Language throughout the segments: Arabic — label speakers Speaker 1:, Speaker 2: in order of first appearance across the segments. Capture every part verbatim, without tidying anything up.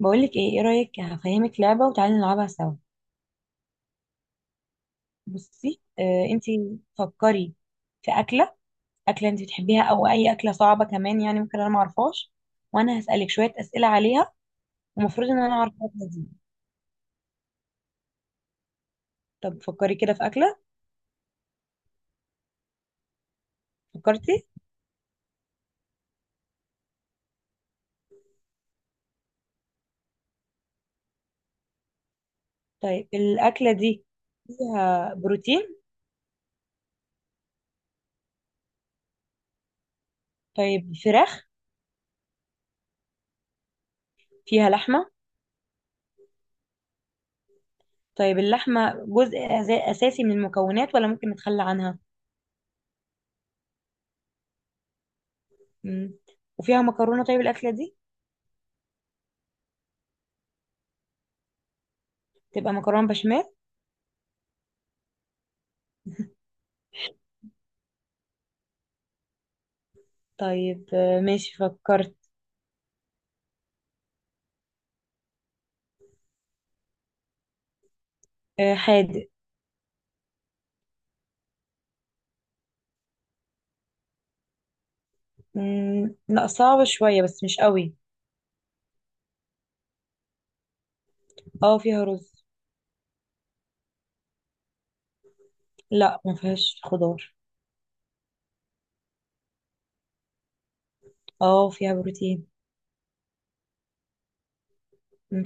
Speaker 1: بقولك ايه، ايه رأيك؟ هفهمك لعبة وتعالي نلعبها سوا. بصي، آه انتي فكري في أكلة. أكلة انتي بتحبيها، أو أي أكلة صعبة كمان، يعني ممكن أنا معرفهاش، وأنا هسألك شوية أسئلة عليها، ومفروض إن أنا أعرف الأكلة دي. طب فكري كده في أكلة. فكرتي؟ طيب، الأكلة دي فيها بروتين؟ طيب، فراخ؟ فيها لحمة؟ طيب، اللحمة جزء أز- أساسي من المكونات ولا ممكن نتخلى عنها؟ مم. وفيها مكرونة؟ طيب، الأكلة دي تبقى مكرونة بشاميل. طيب، آه، ماشي، فكرت. آه، حادق. مم، لا، صعبة شوية بس مش قوي. اه، فيها رز. لا، ما فيهاش خضار. اه، فيها بروتين. مم.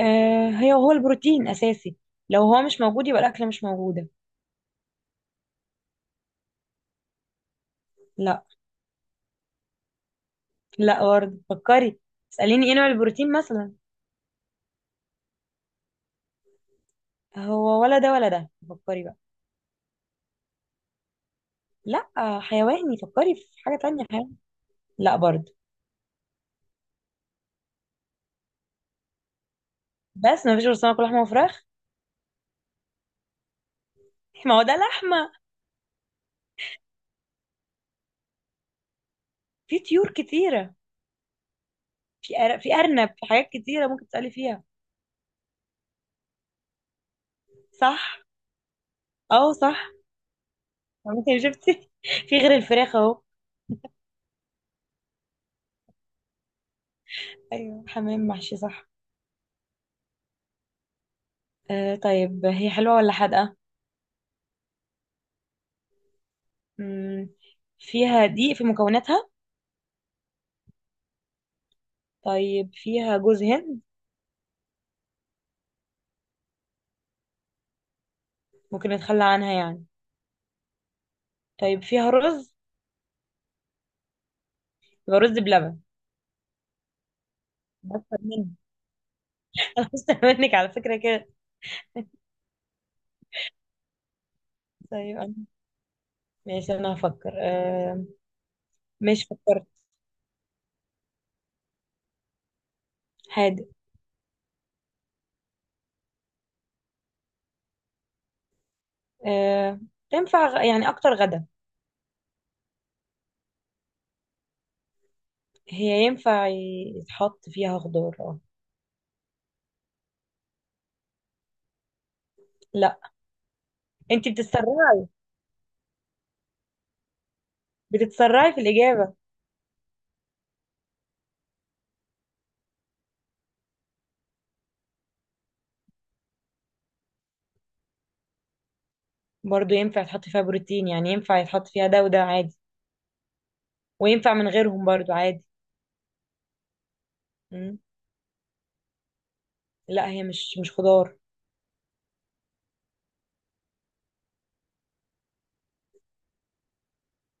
Speaker 1: آه هي، هو البروتين أساسي، لو هو مش موجود يبقى الأكلة مش موجودة. لا. لا، برضه فكري، اسأليني ايه نوع البروتين مثلا. هو ولا ده ولا ده؟ فكري بقى. لا، آه، حيواني، فكري في حاجة تانية حيواني. لا برضه. بس ما فيش غير سمك ولحمة وفراخ. ما هو ده لحمة. في طيور كتيرة. في أر... في أرنب، في حاجات كتيرة ممكن تسألي فيها. صح. اه، صح. ممكن شفتي في غير الفراخ اهو. ايوه، حمام محشي، صح. آه طيب، هي حلوة ولا حادقة؟ مم. فيها دقيق في مكوناتها؟ طيب، فيها جوز هند؟ ممكن نتخلى عنها يعني؟ طيب، فيها رز؟ يبقى رز بلبن. اكتر مني. انا أكتر منك على فكرة كده. طيب، أنا- ماشي انا هفكر آه مش، فكرت. هادئ. آه. تنفع غ- يعني اكتر غدا. هي ينفع يتحط فيها خضار، اه. لا. انت بتتسرعي، بتتسرعي في الإجابة. برضو ينفع يتحط فيها بروتين، يعني ينفع يتحط فيها ده وده عادي، وينفع من غيرهم برضو عادي. مم. لا، هي مش مش خضار.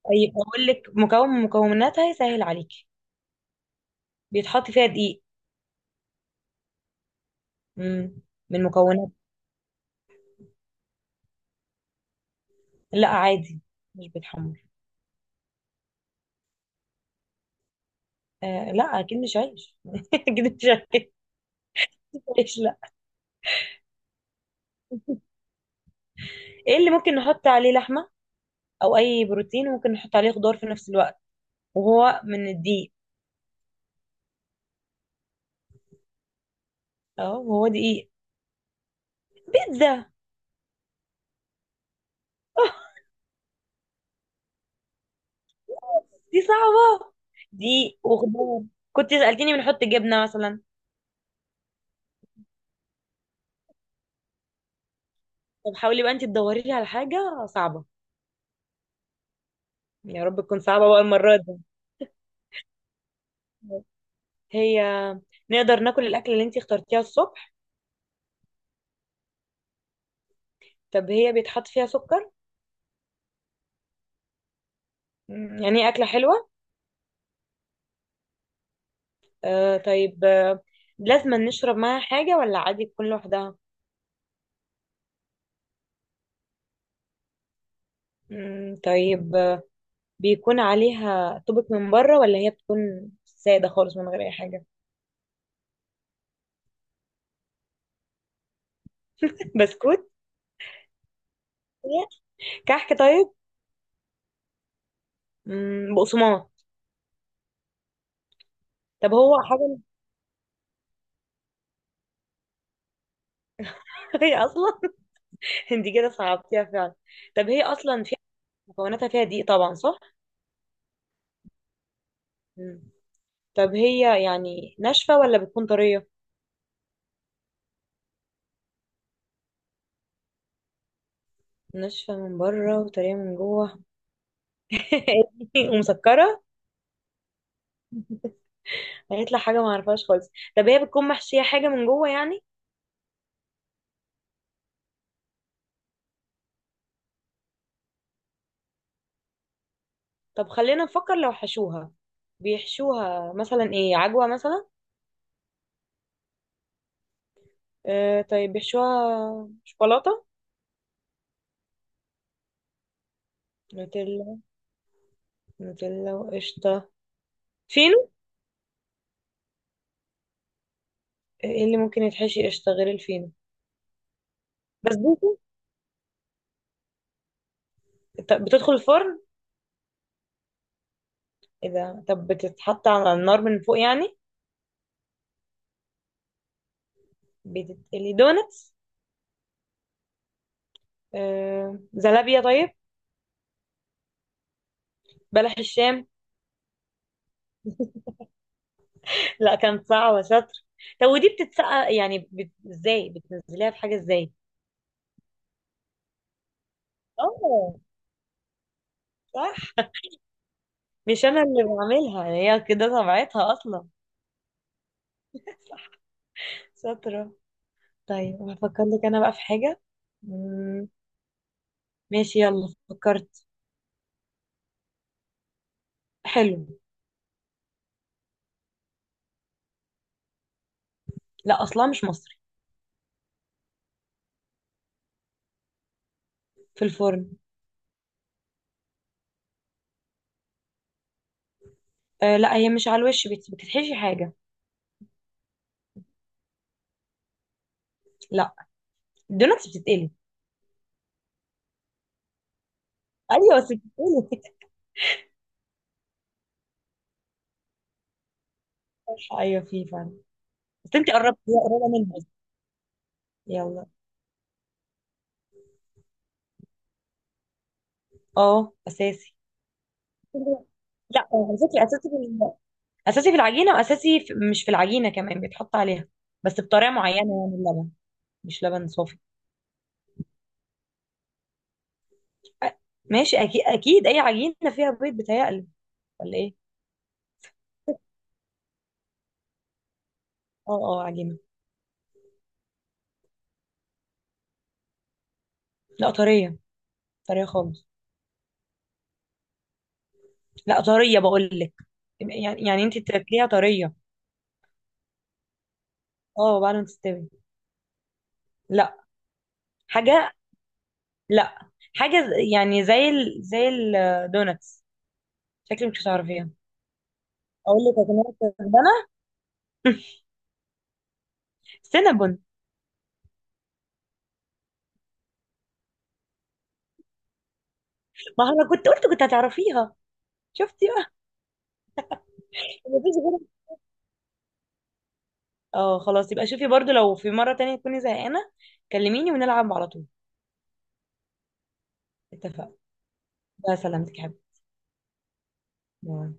Speaker 1: طيب، اقول لك مكون من مكوناتها يسهل عليكي. بيتحط فيها دقيق. مم. من مكونات. لا، عادي، مش بيتحمر. آه، لا، اكيد مش عيش اكيد مش عيش. لا. ايه اللي ممكن نحط عليه لحمة، او اي بروتين، وممكن نحط عليه خضار في نفس الوقت، وهو من الدقيق؟ اه، هو دي ايه؟ بيتزا. آه، دي صعبة، دي وخضار. كنت سألتني بنحط جبنة مثلا. طب حاولي بقى انت تدوري لي على حاجة صعبة. يا رب تكون صعبة بقى المرة دي. هي، نقدر ناكل الأكلة اللي انت اخترتيها الصبح؟ طب هي بيتحط فيها سكر؟ مم، يعني هي أكلة حلوة. آه طيب آه لازم نشرب معاها حاجة ولا عادي تكون لوحدها؟ مم، طيب، آه، بيكون عليها طبق من بره، ولا هي بتكون سادة خالص من غير أي حاجة؟ بسكوت؟ كحك؟ طيب. مم، بقسماط؟ طب، هو حاجة؟ هي أصلا. انت كده صعبتيها فعلا. طب هي أصلا فيها مكوناتها فيها دقيق طبعا، صح؟ مم. طب هي يعني ناشفة ولا بتكون طرية؟ ناشفة من بره وطرية من جوه. ومسكرة. هيطلع حاجة ما اعرفهاش خالص. طب هي بتكون محشية حاجة من جوه يعني؟ طب خلينا نفكر لو حشوها، بيحشوها مثلا ايه، عجوة مثلا؟ آه، طيب، بيحشوها شوكولاتة؟ نوتيلا، نوتيلا وقشطة. في ايه اللي ممكن يتحشي قشطة غير الفينو؟ بسبوسة؟ ط- بتدخل الفرن؟ اذا طب بتتحط على النار من فوق يعني؟ بتتقلي، دونتس؟ آه... زلابية؟ طيب. بلح الشام. لا، كان صعبة شاطر. طب، ودي بتتسقى يعني بت... ازاي بتنزليها في حاجة، ازاي؟ اه، صح. مش انا اللي بعملها، هي كده طبيعتها اصلا. صح. شاطرة. طيب هفكر لك انا بقى في حاجة. مم، ماشي، يلا، فكرت. حلو. لا، اصلا مش مصري. في الفرن. آه، لا، هي مش على الوش بت- بتتحشي حاجه. لا. الدوناتس بتتقلي. ايوه بس بتتقلي. بتتحشي، ايوه، في فعلا. بس انت قربت، هي قريبه منها. يلا. اه، اساسي. لا. اساسي اساسي في ال- اساسي في العجينه، واساسي في، مش في العجينه كمان بيتحط عليها، بس بطريقه معينه، يعني اللبن، مش لبن صافي. أ- ماشي، اكيد اكيد اي عجينه فيها بيض بتهيألي، ولا ايه؟ اه، اه، عجينه. لا، طريه، طريه خالص. لا طريه بقول لك، يعني، يعني انت تاكليها طريه. اه، بعد ما تستوي. لا. حاجة. لا. حاجة ز- يعني زي ال... زي الدوناتس، شكلي مش هتعرفيها. اقول لك يا جماعة، كسبانة. سينابون. ما انا كنت قلت كنت هتعرفيها. شفتي بقى. مفيش غيرها. اه، خلاص يبقى شوفي برضو، لو في مرة تانية تكوني زهقانة كلميني ونلعب على طول. اتفقنا. بقى سلامتك يا حبيبي. باي.